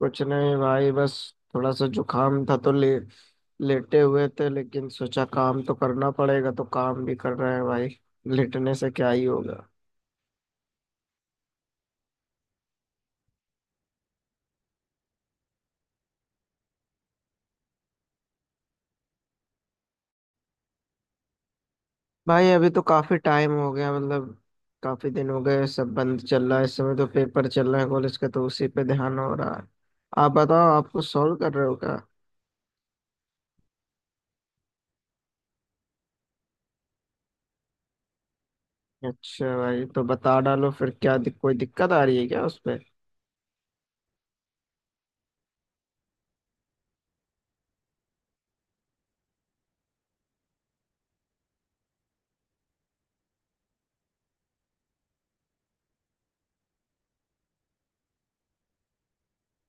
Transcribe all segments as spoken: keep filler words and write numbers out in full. कुछ नहीं भाई, बस थोड़ा सा जुकाम था तो ले लेटे हुए थे। लेकिन सोचा काम तो करना पड़ेगा, तो काम भी कर रहे हैं भाई। लेटने से क्या ही होगा। भाई अभी तो काफी टाइम हो गया, मतलब काफी दिन हो गए सब बंद चल रहा है। इस समय तो पेपर चल रहे हैं कॉलेज के, तो उसी पे ध्यान हो रहा है। आप बताओ, आप कुछ सॉल्व कर रहे हो क्या। अच्छा भाई, तो बता डालो फिर। क्या दिक, कोई दिक्कत आ रही है क्या उस पे।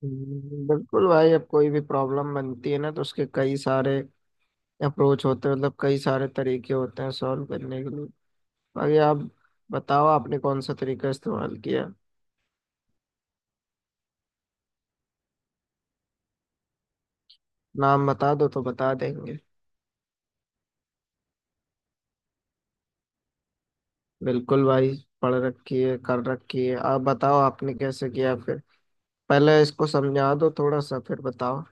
हम्म, बिल्कुल भाई। अब कोई भी प्रॉब्लम बनती है ना, तो उसके कई सारे अप्रोच होते हैं, मतलब कई सारे तरीके होते हैं सॉल्व करने के लिए। बाकी आप बताओ आपने कौन सा तरीका इस्तेमाल किया। नाम बता दो तो बता देंगे। बिल्कुल भाई, पढ़ रखी है, कर रखी है। आप बताओ आपने कैसे किया फिर। पहले इसको समझा दो थोड़ा सा, फिर बताओ।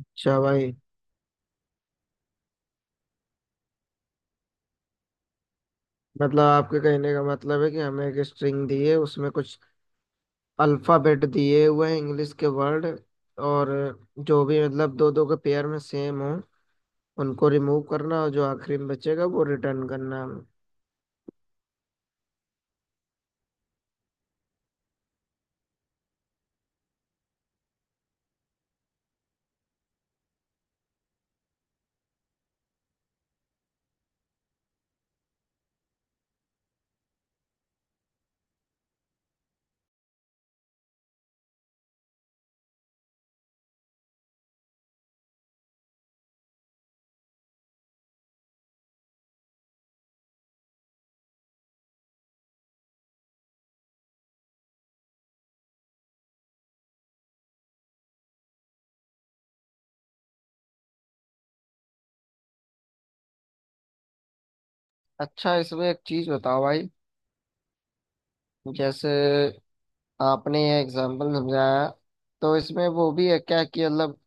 अच्छा भाई, मतलब आपके कहने का मतलब है कि हमें एक स्ट्रिंग दी है, उसमें कुछ अल्फाबेट दिए हुए हैं इंग्लिश के वर्ड। और जो भी मतलब दो दो के पेयर में सेम हो, उनको रिमूव करना, और जो आखिरी में बचेगा वो रिटर्न करना हमें। अच्छा, इसमें एक चीज बताओ भाई। जैसे आपने ये एग्जाम्पल समझाया, तो इसमें वो भी है क्या कि मतलब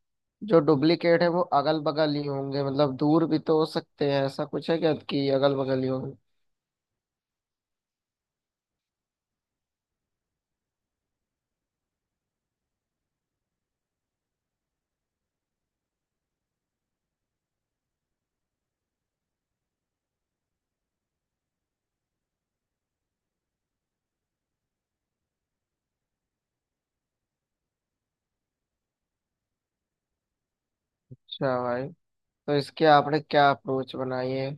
जो डुप्लीकेट है वो अगल बगल ही होंगे, मतलब दूर भी तो हो सकते हैं? ऐसा कुछ है क्या कि अगल बगल ही होंगे? अच्छा भाई, तो इसके आपने क्या अप्रोच बनाई है?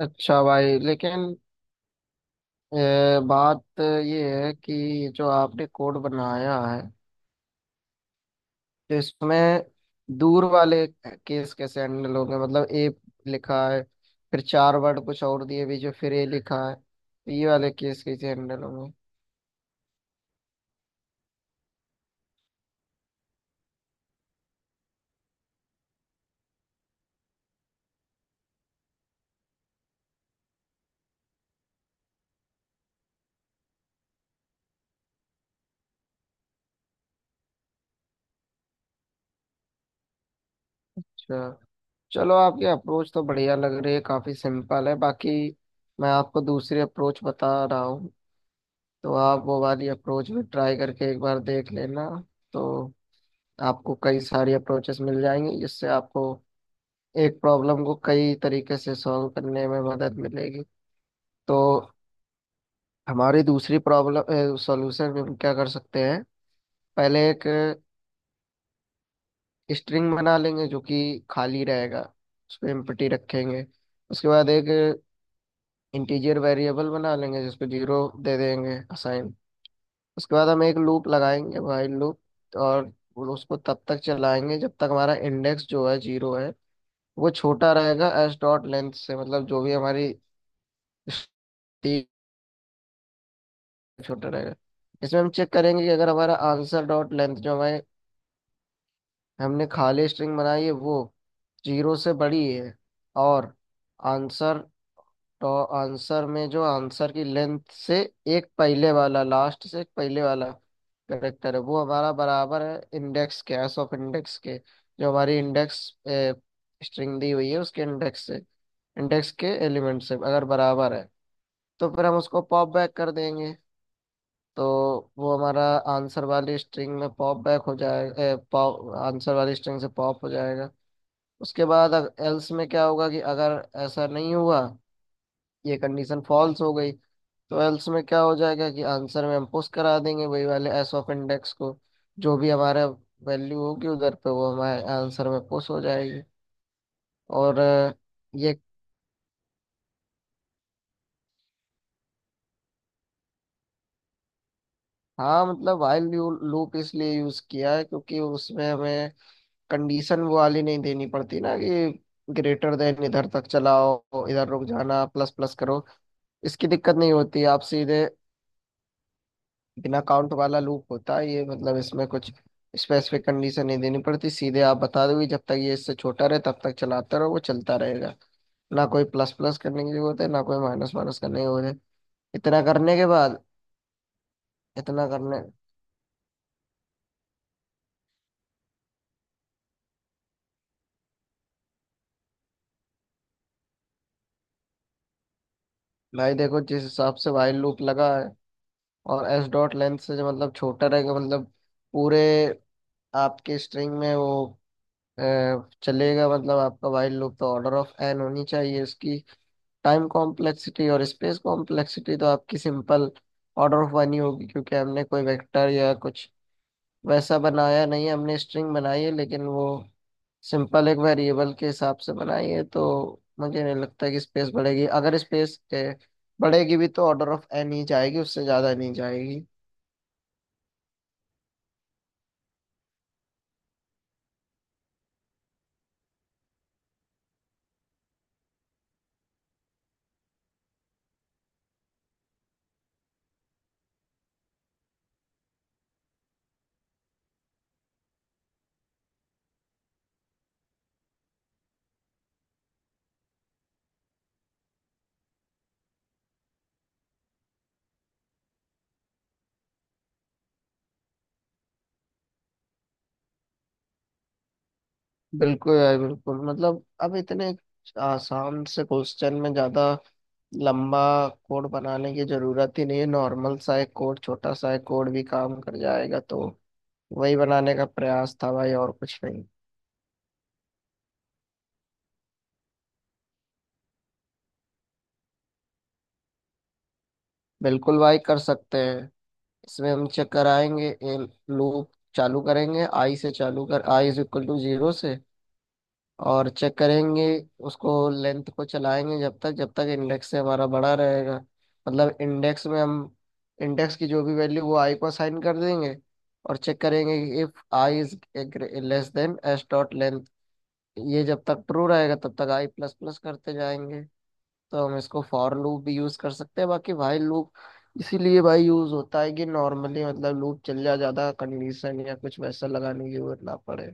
अच्छा भाई, लेकिन अ, बात ये है कि जो आपने कोड बनाया है तो इसमें दूर वाले केस कैसे हैंडल होंगे? मतलब ए लिखा है, फिर चार वर्ड कुछ और दिए बीच में, फिर ए लिखा है, तो ये वाले केस कैसे हैंडल होंगे? अच्छा, चलो आपकी अप्रोच तो बढ़िया लग रही है, काफी सिंपल है। बाकी मैं आपको दूसरी अप्रोच बता रहा हूँ, तो आप वो वाली अप्रोच भी ट्राई करके एक बार देख लेना। तो आपको कई सारी अप्रोचेस मिल जाएंगी जिससे आपको एक प्रॉब्लम को कई तरीके से सॉल्व करने में मदद मिलेगी। तो हमारी दूसरी प्रॉब्लम सॉल्यूशन में हम क्या कर सकते हैं, पहले एक स्ट्रिंग बना लेंगे जो कि खाली रहेगा, उस पे एम्प्टी रखेंगे। उसके बाद एक इंटीजर वेरिएबल बना लेंगे जिसको जीरो दे देंगे असाइन। उसके बाद हम एक लूप लगाएंगे व्हाइल लूप, और उसको तब तक चलाएंगे जब तक हमारा इंडेक्स जो है जीरो है वो छोटा रहेगा एस डॉट लेंथ से, मतलब जो भी हमारी string छोटा रहेगा। इसमें हम चेक करेंगे कि अगर हमारा आंसर डॉट लेंथ, जो हमारे हमने खाली स्ट्रिंग बनाई है, वो जीरो से बड़ी है, और आंसर, तो आंसर में जो आंसर की लेंथ से एक पहले वाला, लास्ट से एक पहले वाला करेक्टर है, वो हमारा बराबर है इंडेक्स के, एस ऑफ इंडेक्स के, जो हमारी इंडेक्स स्ट्रिंग दी हुई है उसके इंडेक्स से, इंडेक्स के एलिमेंट से अगर बराबर है, तो फिर हम उसको पॉप बैक कर देंगे। तो वो हमारा आंसर वाली स्ट्रिंग में पॉप बैक हो जाएगा, आंसर वाली स्ट्रिंग से पॉप हो जाएगा। उसके बाद एल्स में क्या होगा कि अगर ऐसा नहीं हुआ, ये कंडीशन फॉल्स हो गई, तो एल्स में क्या हो जाएगा कि आंसर में हम पुश करा देंगे वही वाले एस ऑफ इंडेक्स को, जो भी हमारा वैल्यू होगी उधर पे वो हमारे आंसर में पुश हो जाएगी। और अ, ये हाँ, मतलब वाइल लूप इसलिए यूज किया है क्योंकि उसमें हमें कंडीशन वो वाली नहीं देनी पड़ती ना कि ग्रेटर देन इधर तक चलाओ, इधर रुक जाना, प्लस प्लस करो। इसकी दिक्कत नहीं होती, आप सीधे बिना काउंट वाला लूप होता है ये, मतलब इसमें कुछ स्पेसिफिक कंडीशन नहीं देनी पड़ती। सीधे आप बता दोगे जब तक ये इससे छोटा रहे तब तक चलाते रहो, वो चलता रहेगा। ना कोई प्लस प्लस करने की जरूरत है, ना कोई माइनस माइनस करने की जरूरत है। इतना करने के बाद इतना करने भाई देखो, जिस हिसाब से वाइल लूप लगा है और एस डॉट लेंथ से जो मतलब छोटा रहेगा, मतलब पूरे आपके स्ट्रिंग में वो अ, चलेगा, मतलब आपका वाइल लूप, तो ऑर्डर ऑफ एन होनी चाहिए इसकी टाइम कॉम्प्लेक्सिटी। और स्पेस कॉम्प्लेक्सिटी तो आपकी सिंपल ऑर्डर ऑफ वन ही होगी, क्योंकि हमने कोई वेक्टर या कुछ वैसा बनाया नहीं है। हमने स्ट्रिंग बनाई है, लेकिन वो सिंपल एक वेरिएबल के हिसाब से बनाई है, तो मुझे नहीं लगता कि स्पेस बढ़ेगी। अगर स्पेस बढ़ेगी भी तो ऑर्डर ऑफ एन ही जाएगी, उससे ज़्यादा नहीं जाएगी। बिल्कुल यार, बिल्कुल, मतलब अब इतने आसान से क्वेश्चन में ज्यादा लंबा कोड बनाने की जरूरत ही नहीं है। नॉर्मल सा एक कोड, छोटा सा एक कोड भी काम कर जाएगा, तो वही बनाने का प्रयास था भाई, और कुछ नहीं। बिल्कुल भाई कर सकते हैं। इसमें हम चेक कराएंगे, लूप चालू करेंगे आई से, चालू कर i is equal to zero से, और चेक करेंगे उसको, लेंथ को चलाएंगे जब तक, जब तक इंडेक्स से हमारा बड़ा रहेगा, मतलब इंडेक्स में हम इंडेक्स की जो भी वैल्यू वो आई को असाइन कर देंगे, और चेक करेंगे if i is less than s dot length. ये जब तक ट्रू रहेगा तब तक आई प्लस प्लस करते जाएंगे। तो हम इसको फॉर लूप भी यूज कर सकते हैं। बाकी भाई लूप इसीलिए भाई यूज होता है कि नॉर्मली मतलब लूप चल जाए, ज्यादा कंडीशन या कुछ वैसा लगाने की जरूरत ना पड़े।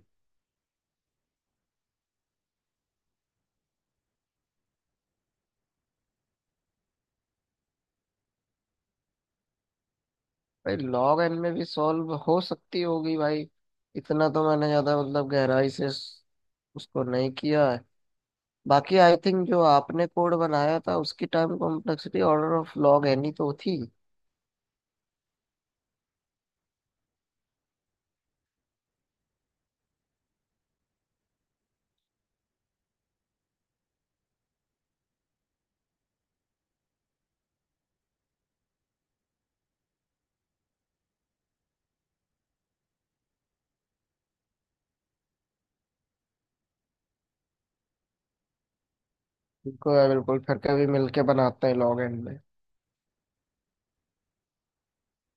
भाई लॉग एन में भी सॉल्व हो सकती होगी भाई। इतना तो मैंने ज्यादा, मतलब गहराई से उस- उसको नहीं किया है। बाकी आई थिंक जो आपने कोड बनाया था उसकी time complexity order of log n ही तो थी। बिल्कुल है, बिल्कुल, फिर कभी मिलके बनाते हैं लॉग एन में।